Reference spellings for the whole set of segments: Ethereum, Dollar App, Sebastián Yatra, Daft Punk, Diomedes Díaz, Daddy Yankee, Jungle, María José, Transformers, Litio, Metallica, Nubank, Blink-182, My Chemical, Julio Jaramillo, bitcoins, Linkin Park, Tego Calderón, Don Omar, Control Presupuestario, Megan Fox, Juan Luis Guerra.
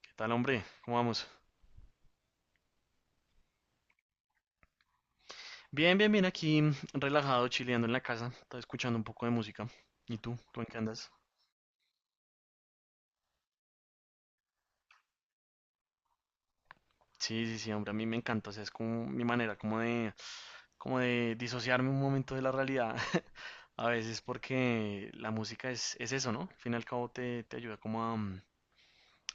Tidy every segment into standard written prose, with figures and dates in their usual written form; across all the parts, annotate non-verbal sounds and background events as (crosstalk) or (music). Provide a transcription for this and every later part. ¿Qué tal, hombre? ¿Cómo vamos? Bien, bien, bien, aquí relajado, chileando en la casa, estaba escuchando un poco de música. ¿Y tú? ¿Tú en qué andas? Sí, sí, sí, hombre, a mí me encanta, o sea, es como mi manera, como de disociarme un momento de la realidad, (laughs) a veces porque la música es eso, ¿no? Al fin y al cabo te ayuda como a, mm,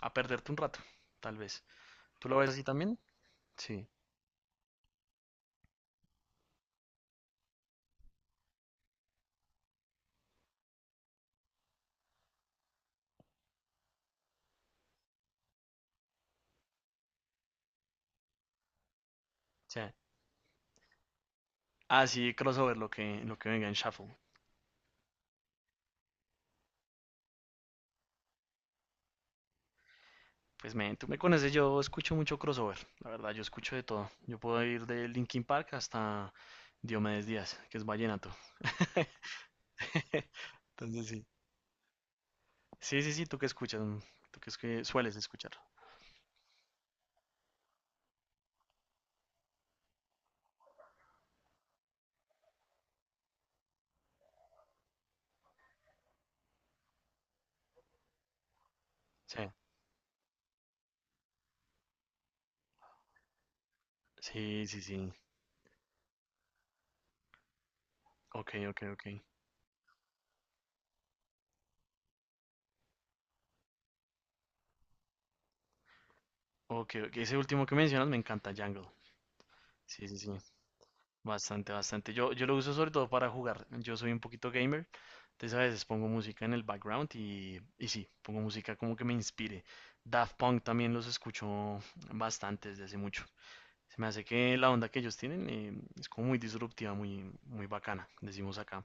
a perderte un rato, tal vez. ¿Tú lo ves así también? Sí, o sea, así crossover, lo que venga en shuffle. Pues, men, tú me conoces, yo escucho mucho crossover, la verdad, yo escucho de todo. Yo puedo ir de Linkin Park hasta Diomedes Díaz, que es vallenato. (laughs) Entonces, sí. Sí, sí, sí, tú que escuchas, es que sueles escuchar. Sí, sí, sí, sí. Ok, ok, ok. Ok, ok, ese último que mencionas me encanta, Jungle. Sí, sí, sí. Bastante, bastante. Yo lo uso sobre todo para jugar. Yo soy un poquito gamer, entonces a veces pongo música en el background y sí, pongo música como que me inspire. Daft Punk también los escucho bastante desde hace mucho. Se me hace que la onda que ellos tienen es como muy disruptiva, muy, muy bacana, decimos acá.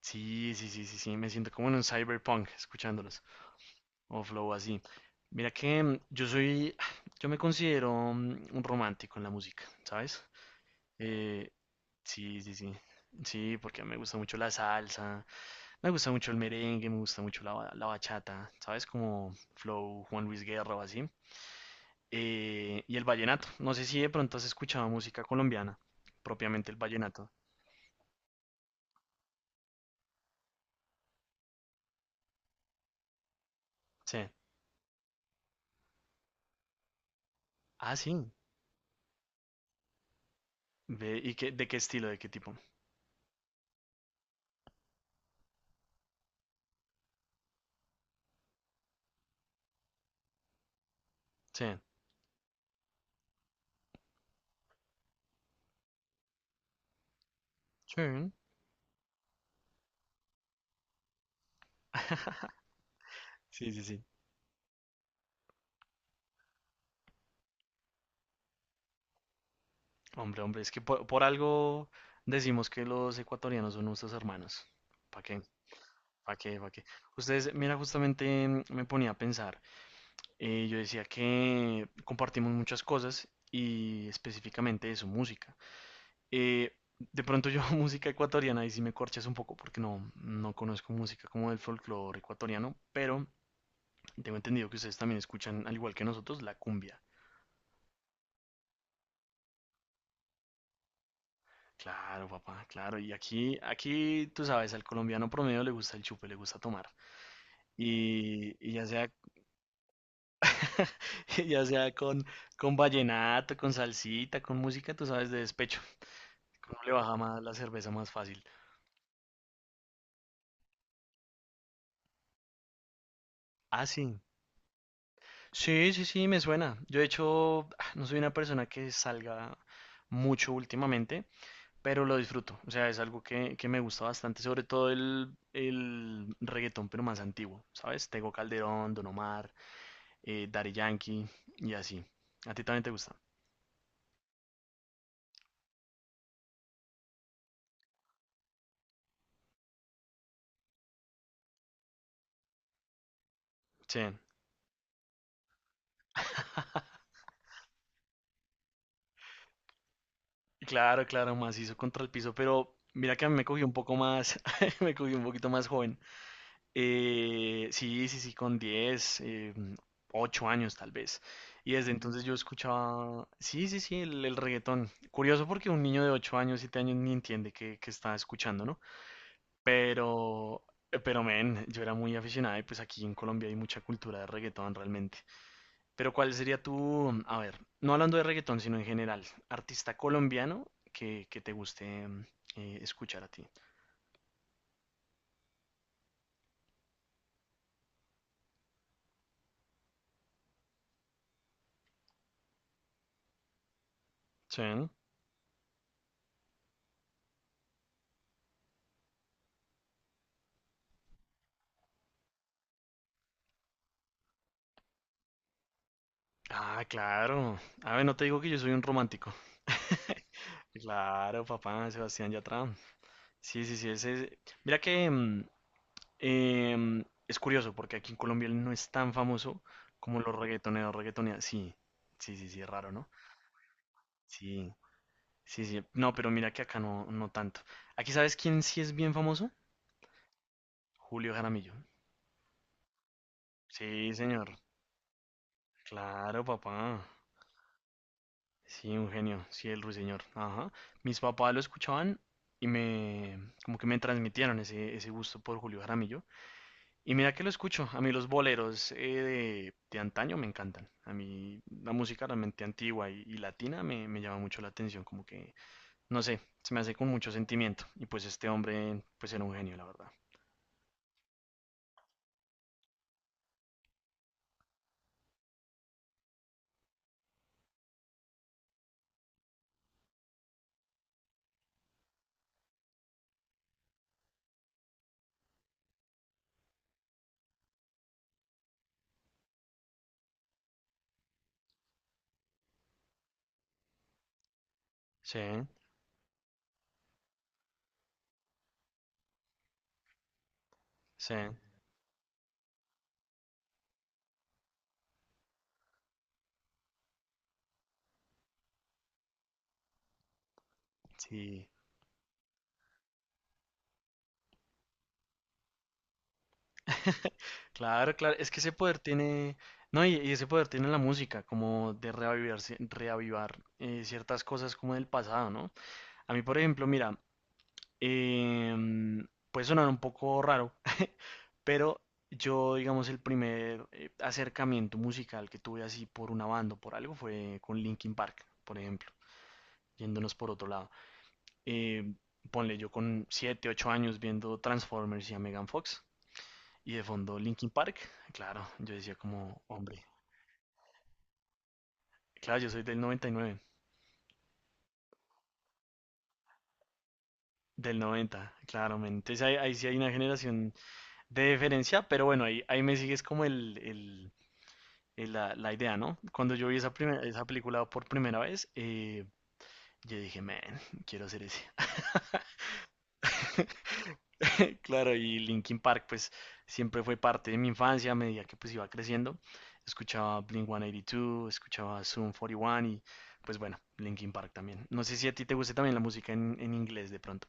Sí, sí, sí, sí, sí, me siento como en un cyberpunk escuchándolos, o flow así. Mira que (sighs) yo me considero un romántico en la música, ¿sabes? Eh, Sí, sí, sí. Sí, porque me gusta mucho la salsa, me gusta mucho el merengue, me gusta mucho la bachata, ¿sabes? Como Flow, Juan Luis Guerra o así. Y el vallenato. No sé si de pronto has escuchado música colombiana, propiamente el vallenato. Sí. Ah, sí. Ve, ¿y qué, de qué estilo, de qué tipo? Sí. Sí. Sí, sí, sí. Hombre, hombre, es que por algo decimos que los ecuatorianos son nuestros hermanos. ¿Para qué? ¿Para qué? ¿Para qué? Ustedes, mira, justamente me ponía a pensar. Yo decía que compartimos muchas cosas y específicamente eso, música. De pronto yo (laughs) música ecuatoriana y si me corchas un poco porque no, no conozco música como del folclore ecuatoriano, pero tengo entendido que ustedes también escuchan, al igual que nosotros, la cumbia. Claro, papá, claro. Y aquí, tú sabes, al colombiano promedio le gusta el chupe, le gusta tomar. Y (laughs) ya sea con vallenato, con salsita, con música, tú sabes, de despecho. Uno le baja más la cerveza más fácil. Ah, sí. Sí, sí, sí, me suena. Yo, de hecho, (smacks lips) no soy una persona que salga mucho últimamente, pero lo disfruto. O sea, es algo que me gusta bastante, sobre todo el reggaetón, pero más antiguo, ¿sabes? Tego Calderón, Don Omar, Daddy Yankee y así. ¿A ti también te gusta? Sí. (laughs) Claro, claro, macizo contra el piso, pero mira que a mí me cogió un poco más, (laughs) me cogió un poquito más joven. Sí, sí, sí, con 8 años tal vez. Y desde entonces yo escuchaba, sí, sí, sí, el reggaetón. Curioso porque un niño de 8 años, 7 años ni entiende qué está escuchando, ¿no? Pero, pero, men, yo era muy aficionado y pues aquí en Colombia hay mucha cultura de reggaetón realmente. Pero ¿cuál sería tu, a ver, no hablando de reggaetón, sino en general, artista colombiano que te guste escuchar a ti? Sí. Ah, claro. A ver, no te digo que yo soy un romántico. Claro, papá, Sebastián Yatra. Sí, sí, sí, mira que es curioso porque aquí en Colombia él no es tan famoso como los reggaetoneros, reggaetoneras. Sí, sí, sí, sí, es raro, ¿no? Sí, sí, sí. No, pero mira que acá no, no tanto. Aquí, ¿sabes quién sí es bien famoso? Julio Jaramillo. Sí, señor. Claro, papá. Sí, un genio. Sí, el ruiseñor. Ajá. Mis papás lo escuchaban y como que me transmitieron ese gusto por Julio Jaramillo. Y mira que lo escucho, a mí los boleros de antaño me encantan, a mí la música realmente antigua y latina me llama mucho la atención, como que, no sé, se me hace con mucho sentimiento y pues este hombre pues era un genio, la verdad. Sí, sí, sí. (laughs) Claro, claro, es que ese poder tiene, no, y ese poder tiene la música, como de reavivar, reavivar ciertas cosas como del pasado, ¿no? A mí, por ejemplo, mira, puede sonar un poco raro, pero yo, digamos, el primer acercamiento musical que tuve así por una banda o por algo fue con Linkin Park, por ejemplo, yéndonos por otro lado. Eh, ponle yo con 7 8 años viendo Transformers y a Megan Fox y de fondo Linkin Park, claro, yo decía como, hombre, claro, yo soy del 99. Del 90, claramente. Entonces ahí, ahí, sí hay una generación de diferencia, pero bueno, ahí me sigues como la idea, ¿no? Cuando yo vi esa película por primera vez, yo dije, man, quiero hacer ese. (laughs) Claro, y Linkin Park, pues siempre fue parte de mi infancia a medida que pues iba creciendo. Escuchaba Blink-182, escuchaba Zoom 41 y uno y pues bueno, Linkin Park también. No sé si a ti te guste también la música en inglés de pronto.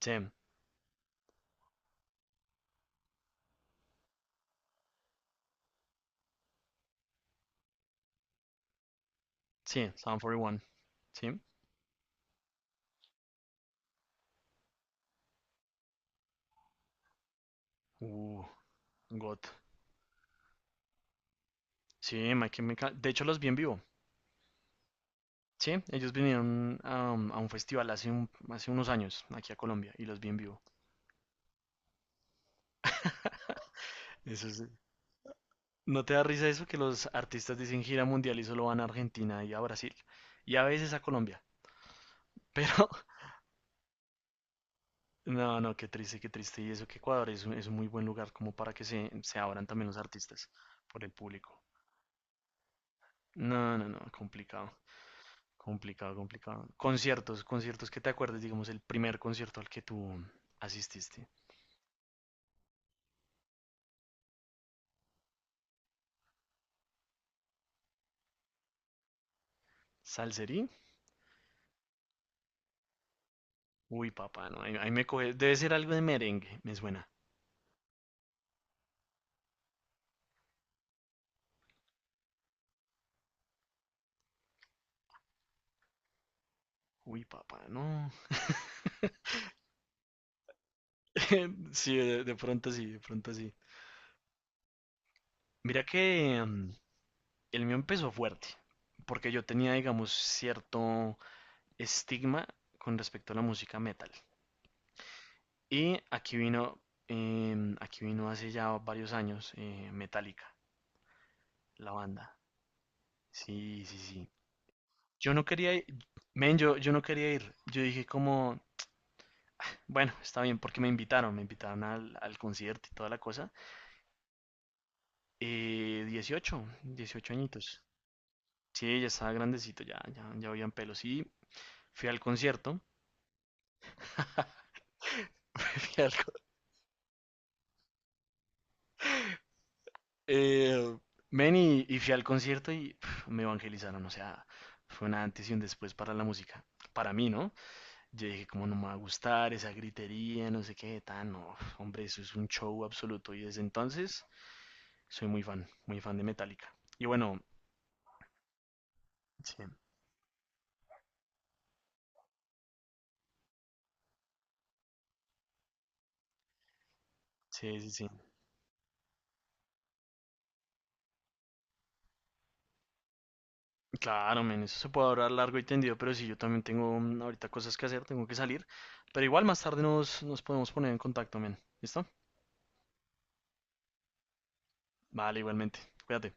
Sí, sí, Sound 41, sí. Uh, God. Sí, de hecho, los vi en vivo. Sí, ellos vinieron a un festival hace unos años aquí a Colombia y los vi en vivo. Eso es, ¿No te da risa eso que los artistas dicen gira mundial y solo van a Argentina y a Brasil y a veces a Colombia? Pero (laughs) no, no, qué triste, qué triste. Y eso que Ecuador es es un muy buen lugar como para que se abran también los artistas por el público. No, no, no, complicado, complicado, complicado. Conciertos, conciertos que te acuerdes, digamos, el primer concierto al que tú asististe. ¿Salserí? Uy, papá, no, ahí me coge. Debe ser algo de merengue, me suena. Uy, papá, no. (laughs) (laughs) Sí, de pronto sí, de pronto sí. Mira que el mío empezó fuerte, porque yo tenía, digamos, cierto estigma con respecto a la música metal. Y aquí vino hace ya varios años, Metallica, la banda. Sí, sí, sí. Yo no quería ir, men, yo no quería ir. Yo dije como, bueno, está bien, porque me invitaron al concierto y toda la cosa. 18, 18 añitos. Sí, ya estaba grandecito, ya, ya, ya habían pelos. Y fui al concierto. (laughs) Fui al co- eh, Ven y fui al concierto y pf, me evangelizaron. O sea, fue un antes y un después para la música. Para mí, ¿no? Yo dije, como no me va a gustar esa gritería, no sé qué, tan, no, hombre, eso es un show absoluto. Y desde entonces soy muy fan de Metallica. Y bueno, sí, sí, sí, sí. Claro, men, eso se puede hablar largo y tendido, pero sí, yo también tengo ahorita cosas que hacer, tengo que salir. Pero igual más tarde nos podemos poner en contacto, men. ¿Listo? Vale, igualmente. Cuídate.